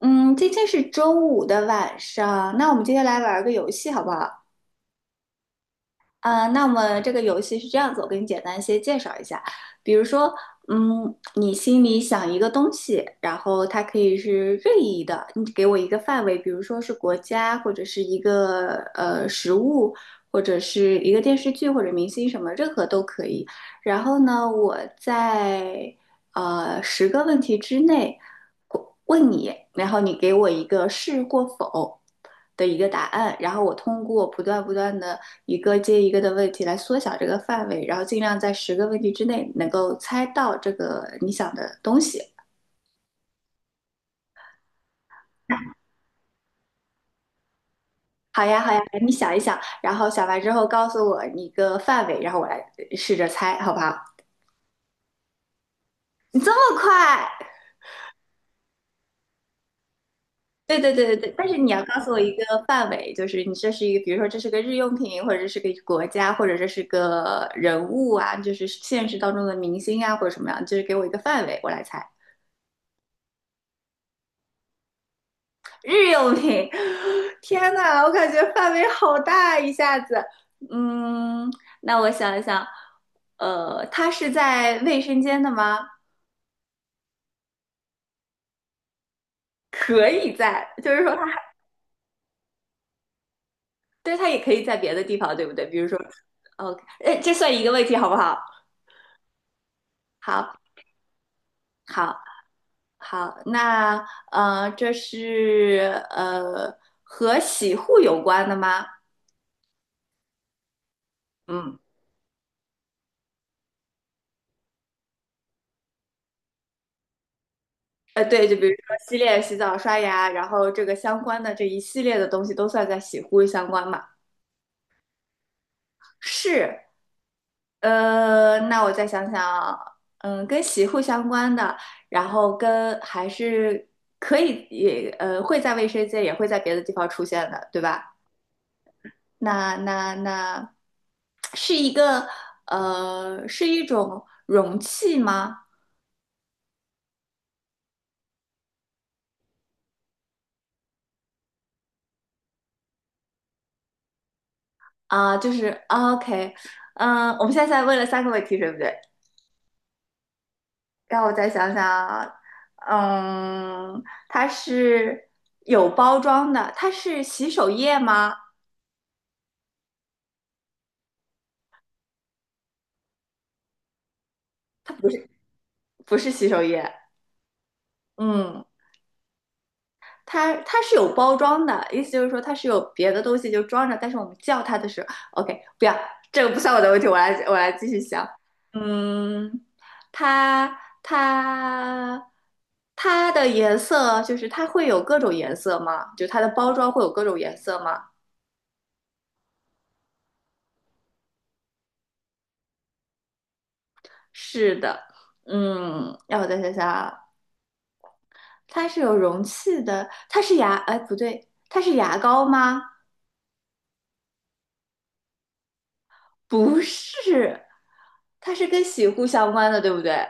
嗯，今天是周五的晚上，那我们今天来玩儿个游戏好不好？啊、那么这个游戏是这样子，我给你简单先介绍一下。比如说，嗯，你心里想一个东西，然后它可以是任意的，你给我一个范围，比如说是国家，或者是一个食物，或者是一个电视剧或者明星什么，任何都可以。然后呢，我在十个问题之内。问你，然后你给我一个是或否的一个答案，然后我通过不断的一个接一个的问题来缩小这个范围，然后尽量在十个问题之内能够猜到这个你想的东西。好呀，好呀，你想一想，然后想完之后告诉我一个范围，然后我来试着猜，好不好？你这么快？对对对对对，但是你要告诉我一个范围，就是你这是一个，比如说这是个日用品，或者这是个国家，或者这是个人物啊，就是现实当中的明星啊，或者什么样，就是给我一个范围，我来猜。日用品，天呐，我感觉范围好大，一下子。嗯，那我想一想，它是在卫生间的吗？可以在，就是说它，对，它也可以在别的地方，对不对？比如说，OK,哎，这算一个问题，好不好？好，好。好，那这是和洗护有关的吗？嗯，对，就比如说洗脸、洗澡、刷牙，然后这个相关的这一系列的东西都算在洗护相关嘛？是，那我再想想，嗯，跟洗护相关的，然后跟还是可以也会在卫生间，也会在别的地方出现的，对吧？那是一个是一种容器吗？啊，就是啊 OK,嗯，我们现在在问了三个问题，对不对？让我再想想啊嗯，它是有包装的，它是洗手液吗？不是洗手液，嗯，它是有包装的，意思就是说它是有别的东西就装着，但是我们叫它的时候，OK,不要，这个不算我的问题，我来继续想。嗯，它它的颜色就是它会有各种颜色吗？就它的包装会有各种颜色吗？是的，嗯，让我再想想啊，它是有容器的，它是牙，哎，不对，它是牙膏吗？不是，它是跟洗护相关的，对不对？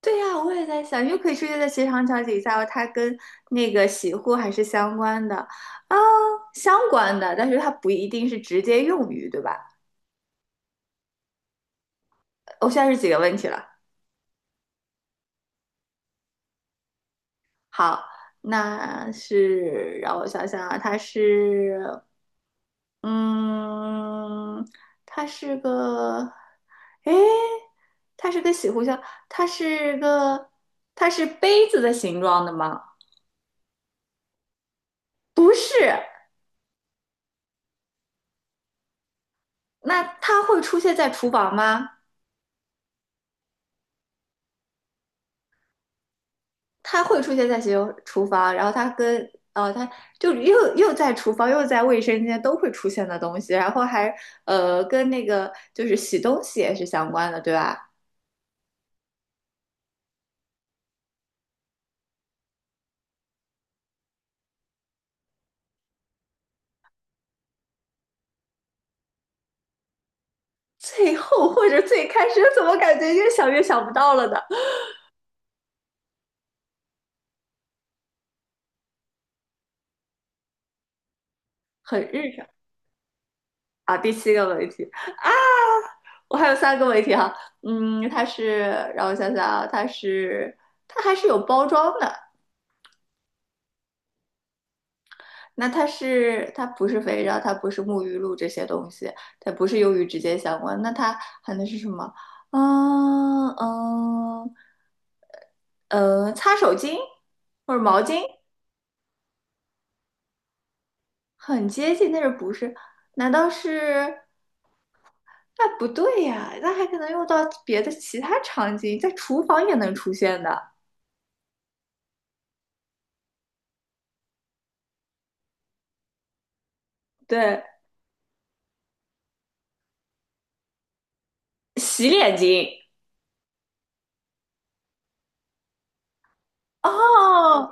对呀，我也在想，又可以出现在职场场景下，它跟那个洗护还是相关的啊，相关的，但是它不一定是直接用于，对吧？我现在是几个问题了？好，那是让我想想啊，它是，嗯，它是个，诶，它是个洗护箱，它是个，它是杯子的形状的吗？不是，那它会出现在厨房吗？他会出现在洗手厨房，然后他跟他就又在厨房又在卫生间都会出现的东西，然后还跟那个就是洗东西也是相关的，对吧？最后或者最开始怎么感觉越想越想不到了呢？很日常啊。第七个问题啊，我还有三个问题哈、嗯，它是让我想想啊，它是它还是有包装的，那它是它不是肥皂，它不是沐浴露这些东西，它不是由于直接相关。那它含能是什么？嗯嗯擦手巾或者毛巾，很接近，但是不是？难道是？那不对呀，那还可能用到别的其他场景，在厨房也能出现的。对，洗脸巾。哦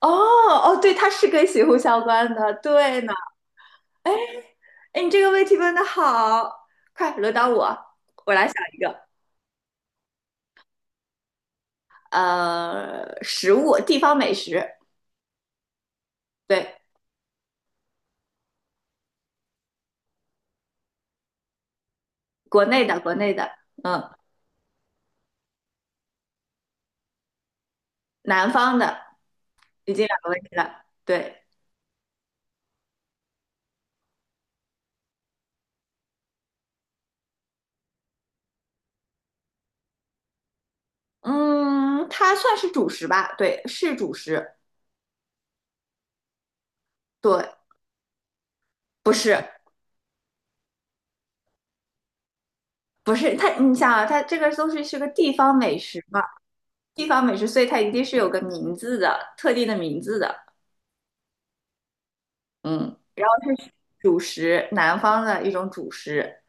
哦哦，对，它是跟洗护相关的。对呢。哎，你这个问题问的好，快轮到我，我来想一个。食物，地方美食，对，国内的，国内的，嗯，南方的，已经两个问题了，对，嗯，它算是主食吧？对，是主食，对，不是，不是，它，你想啊，它这个都是是个地方美食嘛，地方美食，所以它一定是有个名字的，特定的名字的，嗯，是主食，南方的一种主食，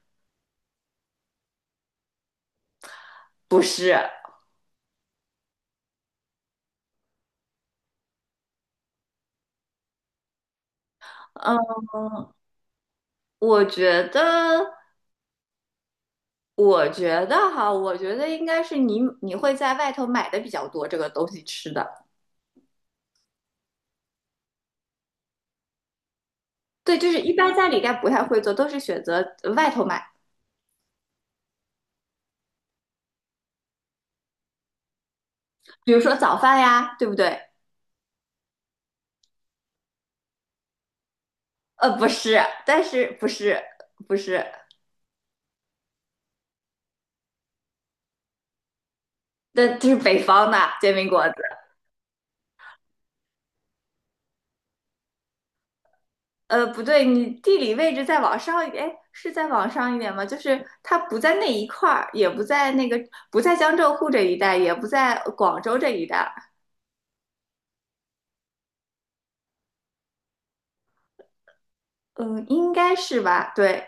不是。嗯。我觉得，我觉得哈，我觉得应该是你会在外头买的比较多这个东西吃的。对，就是一般家里应该不太会做，都是选择外头买，比如说早饭呀，对不对？不是，但是不是不是，但就是北方的煎饼果子。呃，不对，你地理位置再往上一点，哎，是再往上一点吗？就是它不在那一块儿，也不在那个不在江浙沪这一带，也不在广州这一带，嗯，应该是吧？对。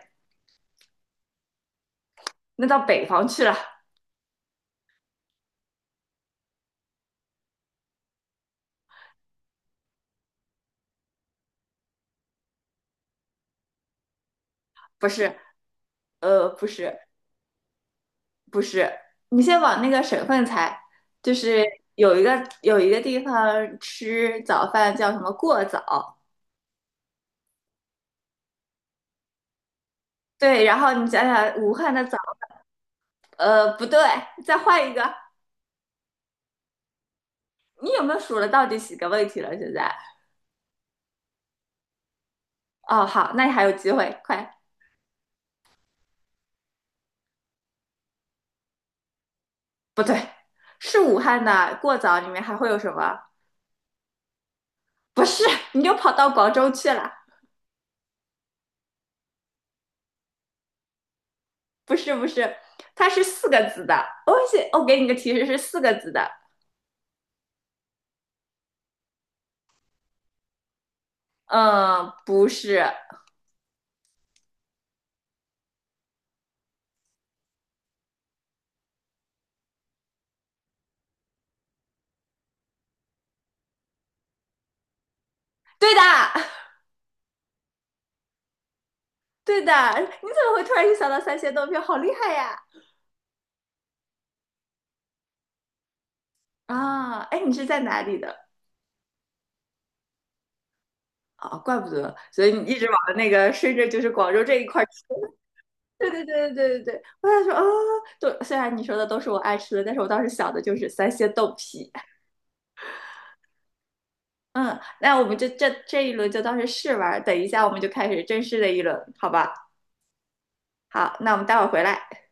那到北方去了，不是，不是，不是，你先往那个省份猜，就是有一个有一个地方吃早饭叫什么过早，对，然后你想想武汉的早，呃，不对，再换一个，你有没有数了到底几个问题了？现在，哦，好，那你还有机会，快，不对，是武汉的过早里面还会有什么？不是，你就跑到广州去了，不是，不是，它是四个字的，我写，我给你个提示，是四个字的。嗯，不是，对的，对的。你怎么会突然就想到三鲜豆皮？好厉害呀！啊，哎，你是在哪里的？啊，怪不得，所以你一直往那个顺着就是广州这一块儿。对对对对对对对，我想说啊，都虽然你说的都是我爱吃的，但是我当时想的就是三鲜豆皮。嗯，那我们就这一轮就当是试玩等一下我们就开始正式的一轮，好吧？好，那我们待会儿回来。